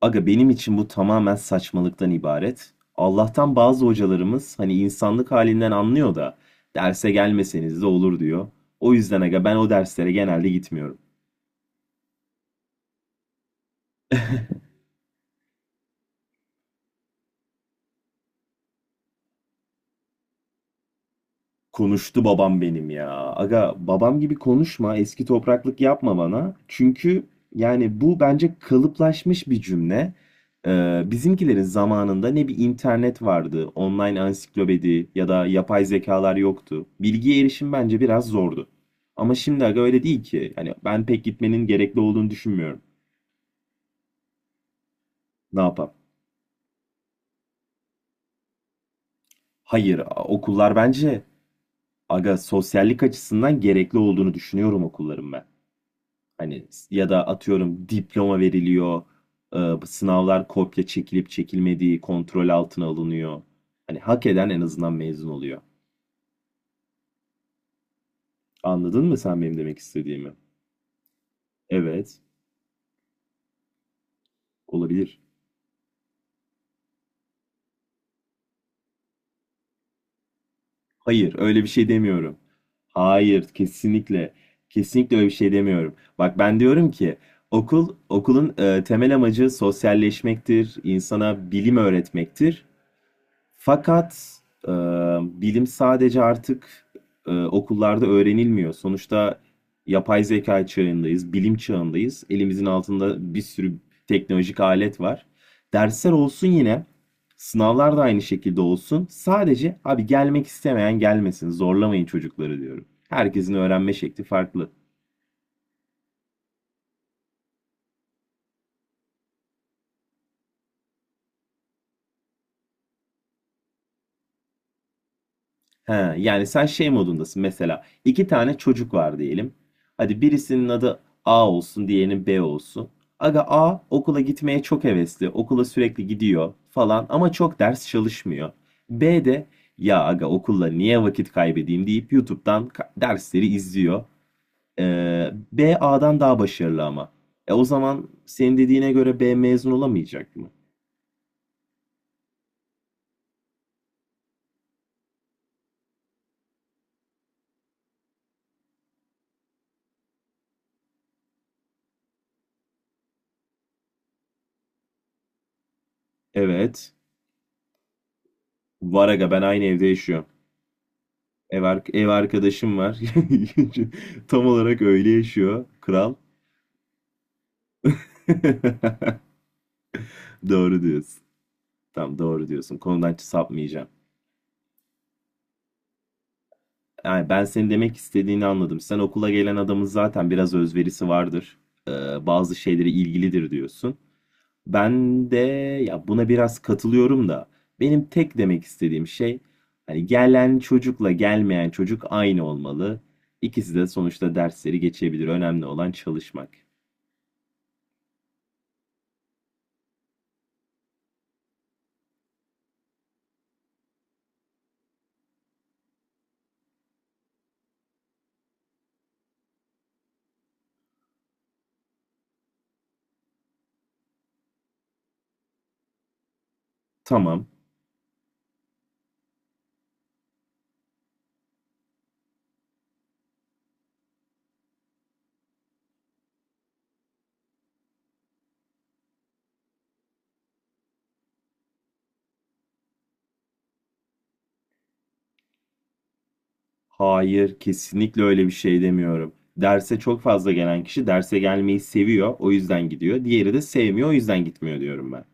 Aga, benim için bu tamamen saçmalıktan ibaret. Allah'tan bazı hocalarımız hani insanlık halinden anlıyor da derse gelmeseniz de olur diyor. O yüzden aga ben o derslere genelde gitmiyorum. Konuştu babam benim ya. Aga, babam gibi konuşma, eski topraklık yapma bana. Çünkü yani bu bence kalıplaşmış bir cümle. Bizimkilerin zamanında ne bir internet vardı, online ansiklopedi ya da yapay zekalar yoktu. Bilgiye erişim bence biraz zordu. Ama şimdi aga öyle değil ki. Yani ben pek gitmenin gerekli olduğunu düşünmüyorum. Ne yapalım? Hayır, okullar bence, aga, sosyallik açısından gerekli olduğunu düşünüyorum okulların ben. Hani ya da atıyorum diploma veriliyor, bu sınavlar kopya çekilip çekilmediği kontrol altına alınıyor. Hani hak eden en azından mezun oluyor. Anladın mı sen benim demek istediğimi? Evet, olabilir. Hayır, öyle bir şey demiyorum. Hayır, kesinlikle. Kesinlikle öyle bir şey demiyorum. Bak, ben diyorum ki okulun temel amacı sosyalleşmektir, insana bilim öğretmektir. Fakat e, bilim sadece artık okullarda öğrenilmiyor. Sonuçta yapay zeka çağındayız, bilim çağındayız. Elimizin altında bir sürü teknolojik alet var. Dersler olsun yine, sınavlar da aynı şekilde olsun. Sadece abi, gelmek istemeyen gelmesin, zorlamayın çocukları diyorum. Herkesin öğrenme şekli farklı. He, yani sen şey modundasın, mesela iki tane çocuk var diyelim. Hadi birisinin adı A olsun, diğerinin B olsun. Aga, A okula gitmeye çok hevesli, okula sürekli gidiyor falan ama çok ders çalışmıyor. B de ya aga, okulla niye vakit kaybedeyim deyip YouTube'dan dersleri izliyor. B A'dan daha başarılı ama. O zaman senin dediğine göre B mezun olamayacak mı? Evet. Var aga, ben aynı evde yaşıyorum. Ev arkadaşım var. Tam olarak öyle yaşıyor. Kral. Doğru diyorsun. Tam doğru diyorsun. Konudan hiç sapmayacağım. Yani ben senin demek istediğini anladım. Sen okula gelen adamın zaten biraz özverisi vardır. Ee, bazı şeylere ilgilidir diyorsun. Ben de ya buna biraz katılıyorum da benim tek demek istediğim şey, hani gelen çocukla gelmeyen çocuk aynı olmalı. İkisi de sonuçta dersleri geçebilir. Önemli olan çalışmak. Tamam. Hayır, kesinlikle öyle bir şey demiyorum. Derse çok fazla gelen kişi derse gelmeyi seviyor, o yüzden gidiyor. Diğeri de sevmiyor, o yüzden gitmiyor diyorum ben.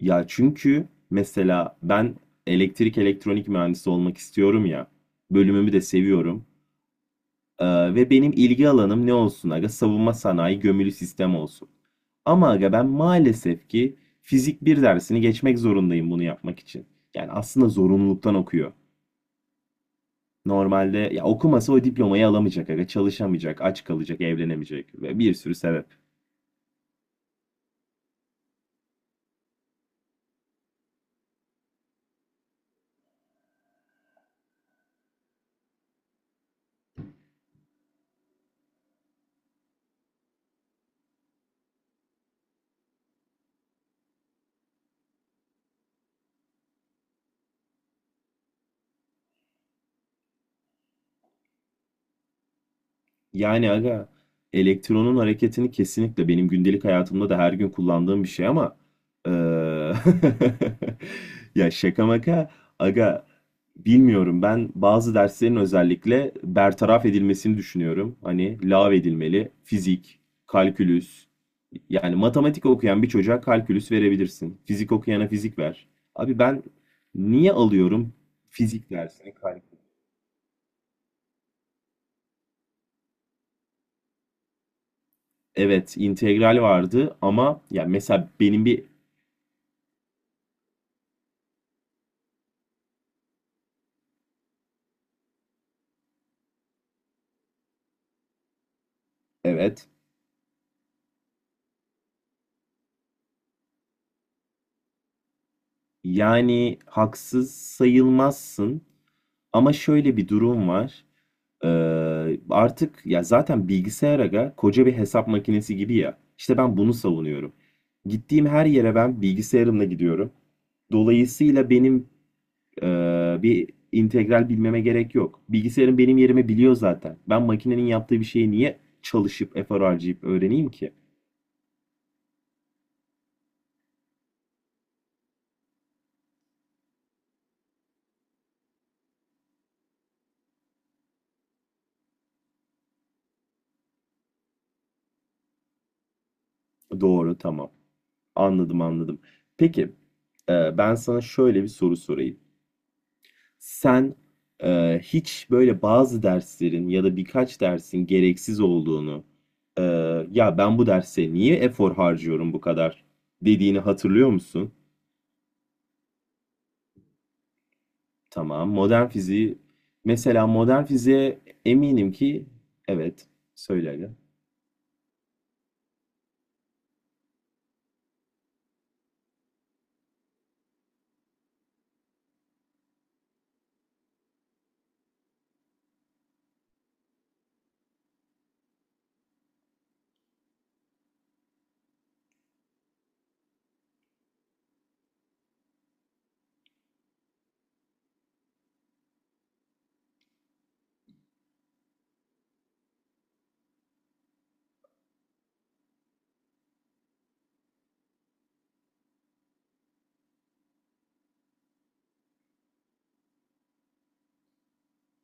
Ya çünkü mesela ben elektrik elektronik mühendisi olmak istiyorum ya. Bölümümü de seviyorum. Ve benim ilgi alanım ne olsun aga? Savunma sanayi gömülü sistem olsun. Ama aga ben maalesef ki fizik bir dersini geçmek zorundayım bunu yapmak için. Yani aslında zorunluluktan okuyor. Normalde ya okumasa o diplomayı alamayacak aga, çalışamayacak, aç kalacak, evlenemeyecek ve bir sürü sebep. Yani aga, elektronun hareketini kesinlikle benim gündelik hayatımda da her gün kullandığım bir şey ama eee, ya şaka maka aga, bilmiyorum, ben bazı derslerin özellikle bertaraf edilmesini düşünüyorum. Hani lağv edilmeli fizik, kalkülüs. Yani matematik okuyan bir çocuğa kalkülüs verebilirsin. Fizik okuyana fizik ver. Abi ben niye alıyorum fizik dersini? Evet, integral vardı ama ya mesela benim bir. Evet. Yani haksız sayılmazsın ama şöyle bir durum var. Artık ya zaten bilgisayar aga koca bir hesap makinesi gibi ya. İşte ben bunu savunuyorum. Gittiğim her yere ben bilgisayarımla gidiyorum. Dolayısıyla benim e, bir integral bilmeme gerek yok. Bilgisayarım benim yerimi biliyor zaten. Ben makinenin yaptığı bir şeyi niye çalışıp efor harcayıp öğreneyim ki? Doğru, tamam. Anladım, anladım. Peki, ben sana şöyle bir soru sorayım. Sen hiç böyle bazı derslerin ya da birkaç dersin gereksiz olduğunu, e, ya ben bu derse niye efor harcıyorum bu kadar dediğini hatırlıyor musun? Tamam, modern fiziği, mesela modern fiziğe eminim ki, evet, söyle aga.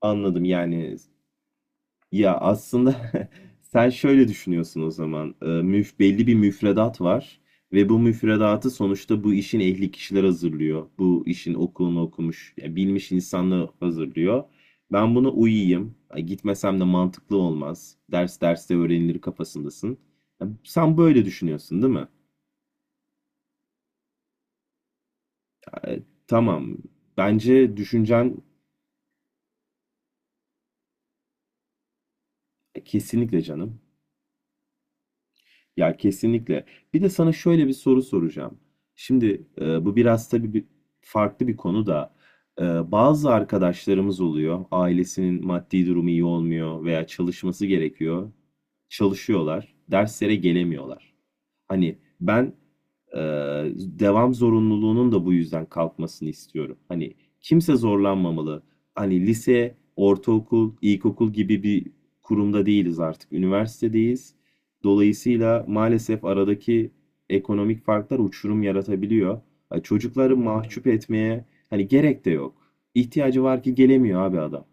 Anladım, yani. Ya, aslında sen şöyle düşünüyorsun o zaman. Müf belli bir müfredat var ve bu müfredatı sonuçta bu işin ehli kişiler hazırlıyor. Bu işin okulunu okumuş, ya bilmiş insanlar hazırlıyor. Ben buna uyuyayım. Ay, gitmesem de mantıklı olmaz. Ders derste öğrenilir kafasındasın. Ya, sen böyle düşünüyorsun, değil mi? Tamam. Bence düşüncen kesinlikle canım. Ya, kesinlikle. Bir de sana şöyle bir soru soracağım. Şimdi bu biraz tabii bir, farklı bir konu da, e, bazı arkadaşlarımız oluyor. Ailesinin maddi durumu iyi olmuyor veya çalışması gerekiyor. Çalışıyorlar, derslere gelemiyorlar. Hani ben, e, devam zorunluluğunun da bu yüzden kalkmasını istiyorum. Hani kimse zorlanmamalı. Hani lise, ortaokul, ilkokul gibi bir kurumda değiliz artık. Üniversitedeyiz. Dolayısıyla maalesef aradaki ekonomik farklar uçurum yaratabiliyor. Ha, çocukları mahcup etmeye hani gerek de yok. İhtiyacı var ki gelemiyor abi adam.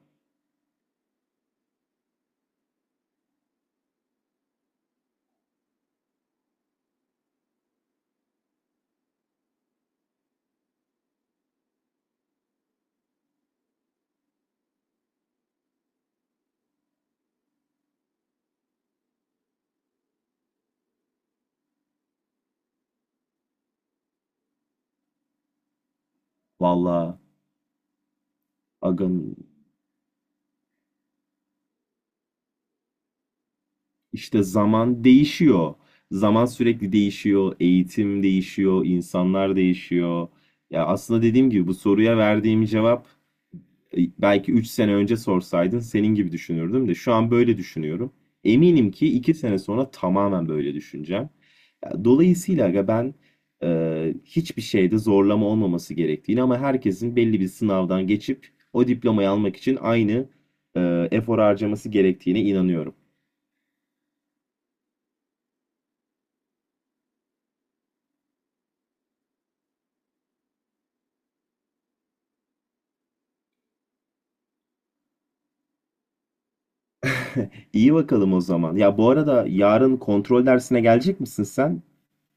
Vallahi agın, işte, zaman değişiyor. Zaman sürekli değişiyor, eğitim değişiyor, insanlar değişiyor. Ya, aslında dediğim gibi bu soruya verdiğim cevap, belki 3 sene önce sorsaydın senin gibi düşünürdüm de şu an böyle düşünüyorum. Eminim ki 2 sene sonra tamamen böyle düşüneceğim. Ya, dolayısıyla aga ben, hiçbir şeyde zorlama olmaması gerektiğini ama herkesin belli bir sınavdan geçip o diplomayı almak için aynı efor harcaması gerektiğine inanıyorum. İyi bakalım o zaman. Ya, bu arada yarın kontrol dersine gelecek misin sen?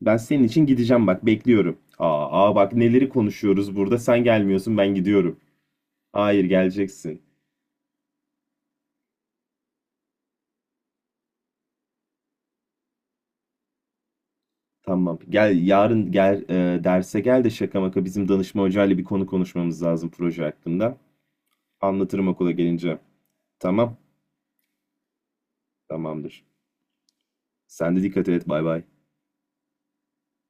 Ben senin için gideceğim, bak, bekliyorum. Aa, aa, bak neleri konuşuyoruz burada, sen gelmiyorsun, ben gidiyorum. Hayır, geleceksin. Tamam. Gel, yarın gel, derse gel de şaka maka bizim danışma hocayla bir konu konuşmamız lazım, proje hakkında. Anlatırım okula gelince. Tamam. Tamamdır. Sen de dikkat et. Bay bay.